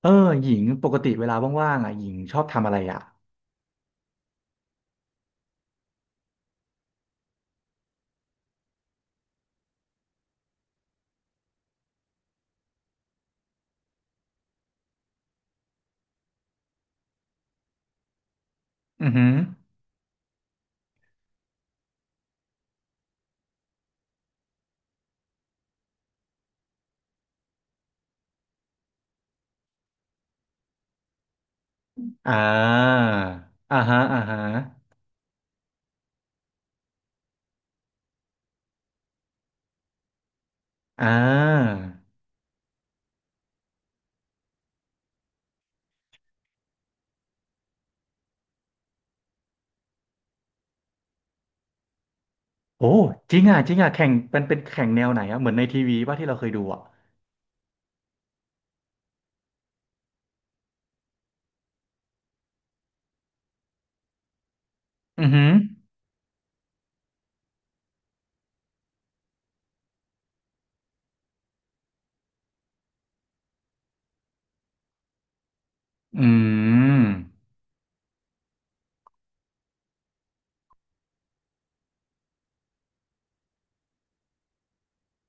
เออหญิงปกติเวลาว่างๆอ่ะหญิงชอบทำอะไรอ่ะอือหืออ่าอ่าฮะอ่าฮะอ่าโอ้จริงอ่ะจริงอ่ะแข่งเป็นแข่งแนวไหนอ่ะเหมือนในทีวีป่ะที่เราเคยดูอ่ะอือหืออืม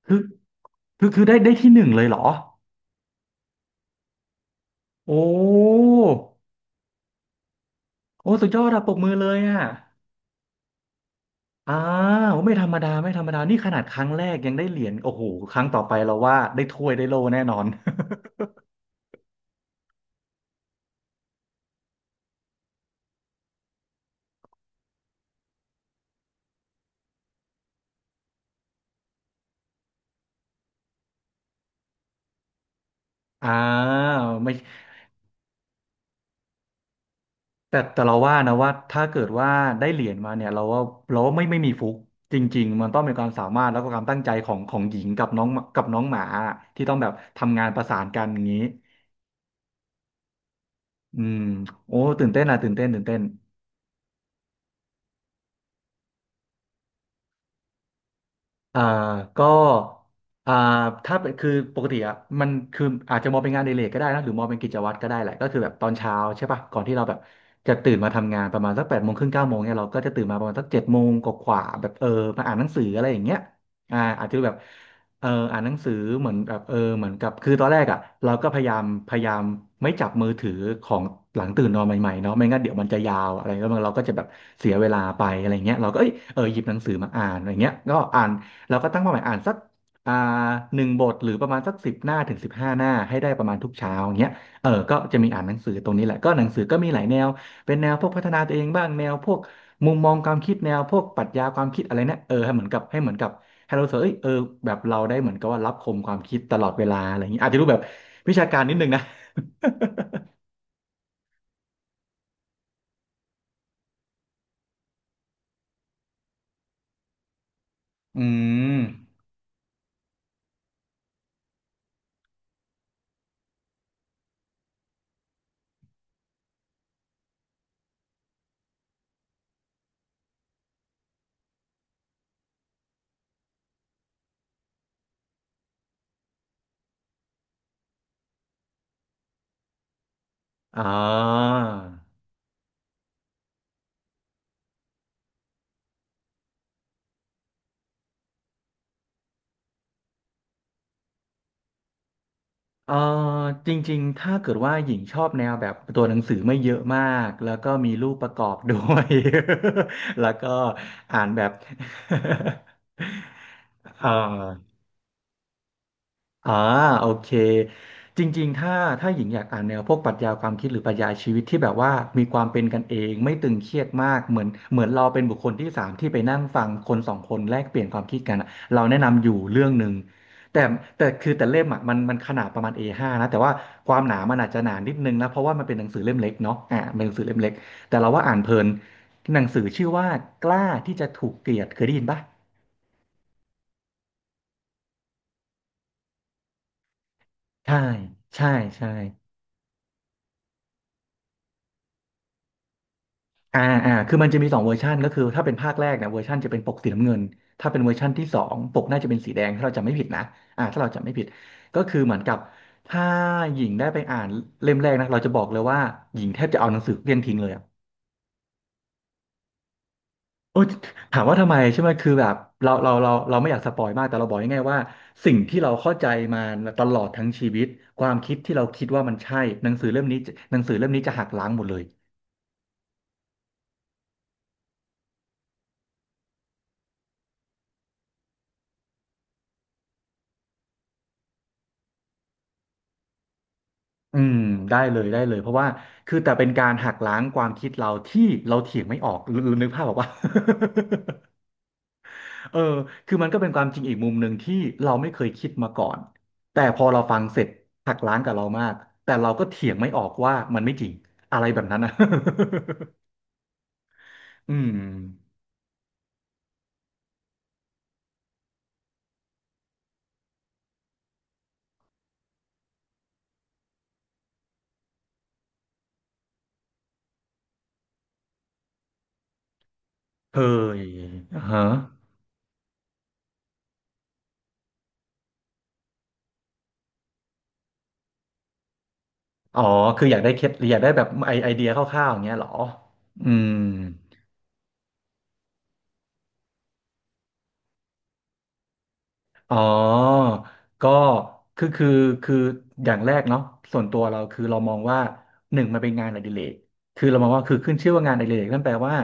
คือคือได้ที่หนึ่งเลยเหรอโอ้โอ้สุดยอดอะปรบมือเลยอ่ะอ่าโอ้ไม่ธรรมดาไม่ธรรมดานี่ขนาดครั้งแรกยังได้เหรียญโอ้โหครั้งต่อไปเราว่าได้ถ้วยได้โล่แน่นอน อ่าไม่ แต่แต่เราว่านะว่าถ้าเกิดว่าได้เหรียญมาเนี่ยเราว่าไม่มีฟุกจริงๆมันต้องเป็นความสามารถแล้วก็ความตั้งใจของหญิงกับน้องกับน้องหมาที่ต้องแบบทำงานประสานกันอย่างนี้อืมโอ้ตื่นเต้นอ่ะตื่นเต้นตื่นเต้น อ่าก็อ่าถ้าเป็นคือปกติอ่ะมันคืออาจจะมองเป็นงานอดิเรกก็ได้นะหรือมองเป็นกิจวัตรก็ได้แหละก็คือแบบตอนเช้าใช่ป่ะก่อนที่เราแบบจะตื่นมาทำงานประมาณสัก8 โมงครึ่ง9 โมงเนี่ยเราก็จะตื่นมาประมาณสัก7 โมงกว่าๆแบบเออมาอ่านหนังสืออะไรอย่างเงี้ยอาจจะแบบอ่านหนังสือเหมือนแบบเออเหมือนกับคือตอนแรกอ่ะเราก็พยายามไม่จับมือถือของหลังตื่นนอนใหม่ๆเนาะไม่งั้นเดี๋ยวมันจะยาวอะไรแล้วมันเราก็จะแบบเสียเวลาไปอะไรเงี้ยเราก็เอ้ยเออหยิบหนังสือมาอ่านอะไรเงี้ยก็อ่าน เราก็ตั้งเป้าหมายอ่านสักอ่าหนึ่งบทหรือประมาณสัก10 หน้าถึง15 หน้าให้ได้ประมาณทุกเช้าอย่างเงี้ยเออก็จะมีอ่านหนังสือตรงนี้แหละก็หนังสือก็มีหลายแนวเป็นแนวพวกพัฒนาตัวเองบ้างแนวพวกมุมมองความคิดแนวพวกปรัชญาความคิดอะไรเนี่ยเออให้เหมือนกับให้เหมือนกับให้เรารู้สึกว่าเอ้ยเออแบบเราได้เหมือนกับว่ารับคมความคิดตลอดเวลาอะไรอย่างงี้อาจจะดูแบบวิชาการนิดนึงนะอืมอ่า เออจริงๆ ถ้าเกิดว่าหญิงชอบแนวแบบตัวหนังสือไม่เยอะมากแล้วก็มีรูปประกอบด้วย แล้วก็อ่านแบบ เออ อ่าโอเคจริงๆถ้าถ้าหญิงอยากอ่านแนวพวกปรัชญาความคิดหรือปรัชญาชีวิตที่แบบว่ามีความเป็นกันเองไม่ตึงเครียดมากเหมือนเราเป็นบุคคลที่สามที่ไปนั่งฟังคนสองคนแลกเปลี่ยนความคิดกันอะเราแนะนำอยู่เรื่องหนึ่งแต่แต่เล่มอ่ะมันขนาดประมาณ A5 นะแต่ว่าความหนามันอาจจะหนานิดนึงนะเพราะว่ามันเป็นหนังสือเล่มเล็กเนาะอ่าเป็นหนังสือเล่มเล็กแต่เราว่าอ่านเพลินหนังสือชื่อว่ากล้าที่จะถูกเกลียดเคยได้ยินปะใช่ใช่ใช่ อ่าคือมันจะมีสองเวอร์ชันก็คือถ้าเป็นภาคแรกเนี่ยเวอร์ชันจะเป็นปกสีน้ำเงินถ้าเป็นเวอร์ชันที่สองปกน่าจะเป็นสีแดงถ้าเราจำไม่ผิดนะอ่าถ้าเราจำไม่ผิดก็คือเหมือนกับถ้าหญิงได้ไปอ่านเล่มแรกนะเราจะบอกเลยว่าหญิงแทบจะเอาหนังสือเลี่ยงทิ้งเลยอะโอ้ยถามว่าทำไมใช่ไหมคือแบบเราไม่อยากสปอยมากแต่เราบอกง่ายๆว่าสิ่งที่เราเข้าใจมาตลอดทั้งชีวิตความคิดที่เราคิดว่ามันใช่หนังสือเล่มนี้หนังสือเล่มนี้จะหักล้างหมดเลย อืมได้เลยได้เลยเพราะว่าคือแต่เป็นการหักล้างความคิดเราที่เราเถียงไม่ออกหรือนึกภาพบอกว่า เออคือมันก็เป็นความจริงอีกมุมหนึ่งที่เราไม่เคยคิดมาก่อนแต่พอเราฟังเสร็จหักล้างกับเรามากแต่เราก็เถียงไม่ออกว่ามันไม่จริงอะไรแบบนั้นนะ อืมเคยฮะอ๋อคืออยากได้เคล็ดอยากได้แบบไอเดียคร่าวๆอย่างเงี้ยเหรออืม อ๋อก็คือคือคืออย่างแรกเนาะส่วนตัวเราคือเรามองว่า หนึ่งมันเป็นงานอดิเรกคือเรามองว่าคือขึ้นชื่อว่างานอดิเรกนั่นแปลว่า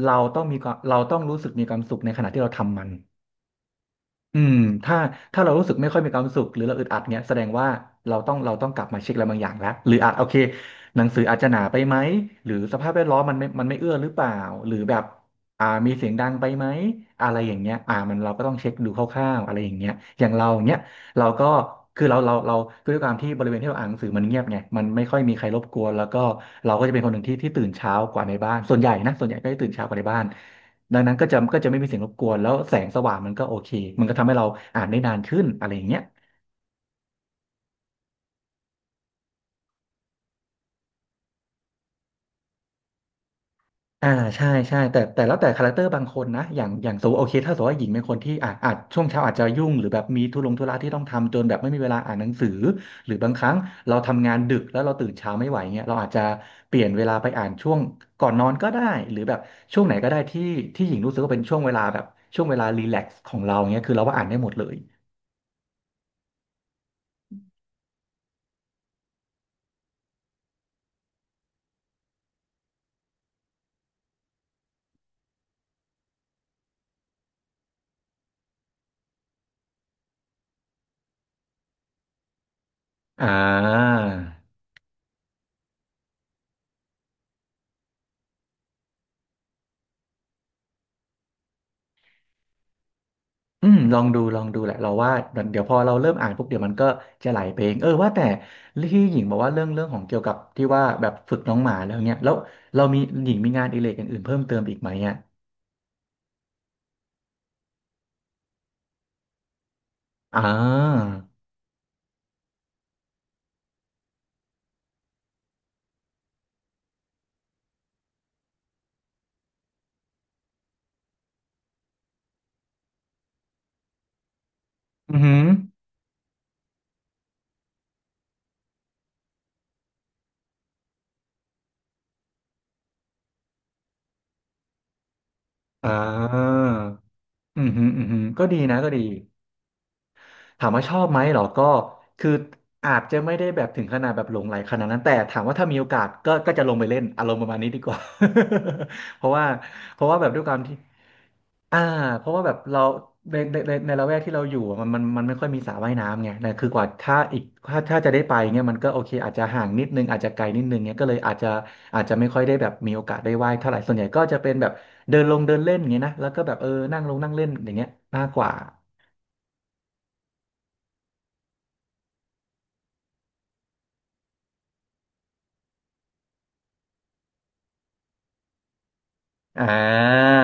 เราต้องรู้สึกมีความสุขในขณะที่เราทำมัน อืมถ้าถ้าเรารู้สึกไม่ค่อยมีความสุขหรือเราอึดอัดเนี้ยแสดงว่าเราต้องกลับมาเช็คอะไรบางอย่างแล้วหรืออาจโอเคหนังสืออาจจะหนาไปไหมหรือสภาพแวดล้อมมันไม่เอื้อหรือเปล่าหรือแบบมีเสียงดังไปไหมอะไรอย่างเงี้ยมันเราก็ต้องเช็คดูคร่าวๆอะไรอย่างเงี้ยอย่างเราเนี้ยเราก็คือเราคือด้วยความที่บริเวณที่เราอ่านหนังสือมันเงียบไงมันไม่ค่อยมีใครรบกวนแล้วก็เราก็จะเป็นคนหนึ่งที่ตื่นเช้ากว่าในบ้านส่วนใหญ่นะส่วนใหญ่ก็จะตื่นเช้ากว่าในบ้าน ดังนั้นก็จะไม่มีเสียงรบกวนแล้วแสงสว่างมันก็โอเคมันก็ทำให้เราอ่านได้นานขึ้นอะไรอย่างเงี้ยอ่าใช่ใช่แต่แล้วแต่คาแรคเตอร์บางคนนะอย่างสมมติโอเคถ้าสมมติว่าหญิงเป็นคนที่อาจช่วงเช้าอาจจะยุ่งหรือแบบมีธุระที่ต้องทำจนแบบไม่มีเวลาอ่านหนังสือหรือบางครั้งเราทำงานดึกแล้วเราตื่นเช้าไม่ไหวเงี้ยเราอาจจะเปลี่ยนเวลาไปอ่านช่วงก่อนนอนก็ได้หรือแบบช่วงไหนก็ได้ที่หญิงรู้สึกว่าเป็นช่วงเวลาแบบช่วงเวลารีแลกซ์ของเราเงี้ยคือเราว่าอ่านได้หมดเลยอ่า อืมลองดูลองดูแหละเราว่าเดี๋ยวพอเราเริ่มอ่านปุ๊บเดี๋ยวมันก็จะไหลไปเองเออว่าแต่ที่หญิงบอกว่าเรื่องของเกี่ยวกับที่ว่าแบบฝึกน้องหมาแล้วเนี่ยแล้วเรามีหญิงมีงานอดิเรกอย่างอื่นเพิ่มเติมอีกไหมอ่ะอ่าอือหืออ่าอืมฮึมอืมฮึมก็ดีนะก็ดีถามว่าชอบไหมเหรอก็คืออาจจะไม่ได้แบบถึงขนาดแบบหลงใหลขนาดนั้นแต่ถามว่าถ้ามีโอกาสก็ก็จะลงไปเล่นอารมณ์ประมาณนี้ดีกว่า เพราะว่าเพราะว่าแบบด้วยความที่ อ่าเพราะว่าแบบเราในละแวกที่เราอยู่อะมันไม่ค่อยมีสระว่ายน้ำไงแต่คือกว่าถ้าอีกถ้าจะได้ไปเงี้ยมันก็โอเคอาจจะห่างนิดนึงอาจจะไกลนิดนึงเงี้ยก็เลยอาจจะไม่ค่อยได้แบบมีโอกาสได้ว่ายเท่าไหร่ส่วนใหญ่ก็จะเป็นแบบเดินลงเดินเล่นอย่างเงี้ยนะแล้วก็แบบเออนั่งลงนั่งเล่นอย่างเงี้ยมากกว่าอ่า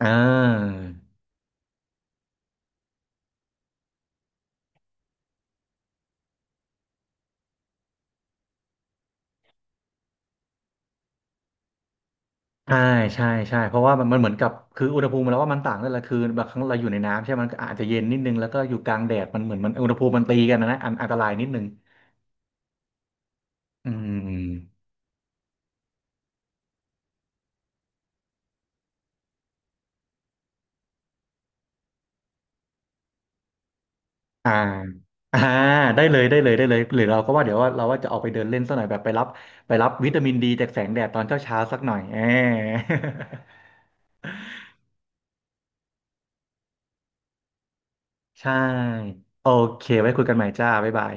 อ่าใช่ใช่ใช่เพราะว่ามันเหมือนกับคืออุณหภูมิแล้วว่ามันต่างนั่นแหละคือบางครั้งเราอยู่ในน้ำใช่ไหมมันก็อาจจะเย็นนิดนึงแล้วก็อยู่กลางแดดมันเหมือนมันอุณหภูมิมันตีกันนะอันตรายนิดนึง อืม อ่าอ่าได้เลยได้เลย ได้เลย หรือเราก็ว่าเดี๋ยวเราว่าจะออกไปเดินเล่นสักหน่อยแบบไปรับ ไปรับวิตามินดีจากแสงแดดตอนเช้าเช้าสักหน่อยเออ ใช่ โอเค ไว้คุยกันใหม่จ้า บ๊ายบาย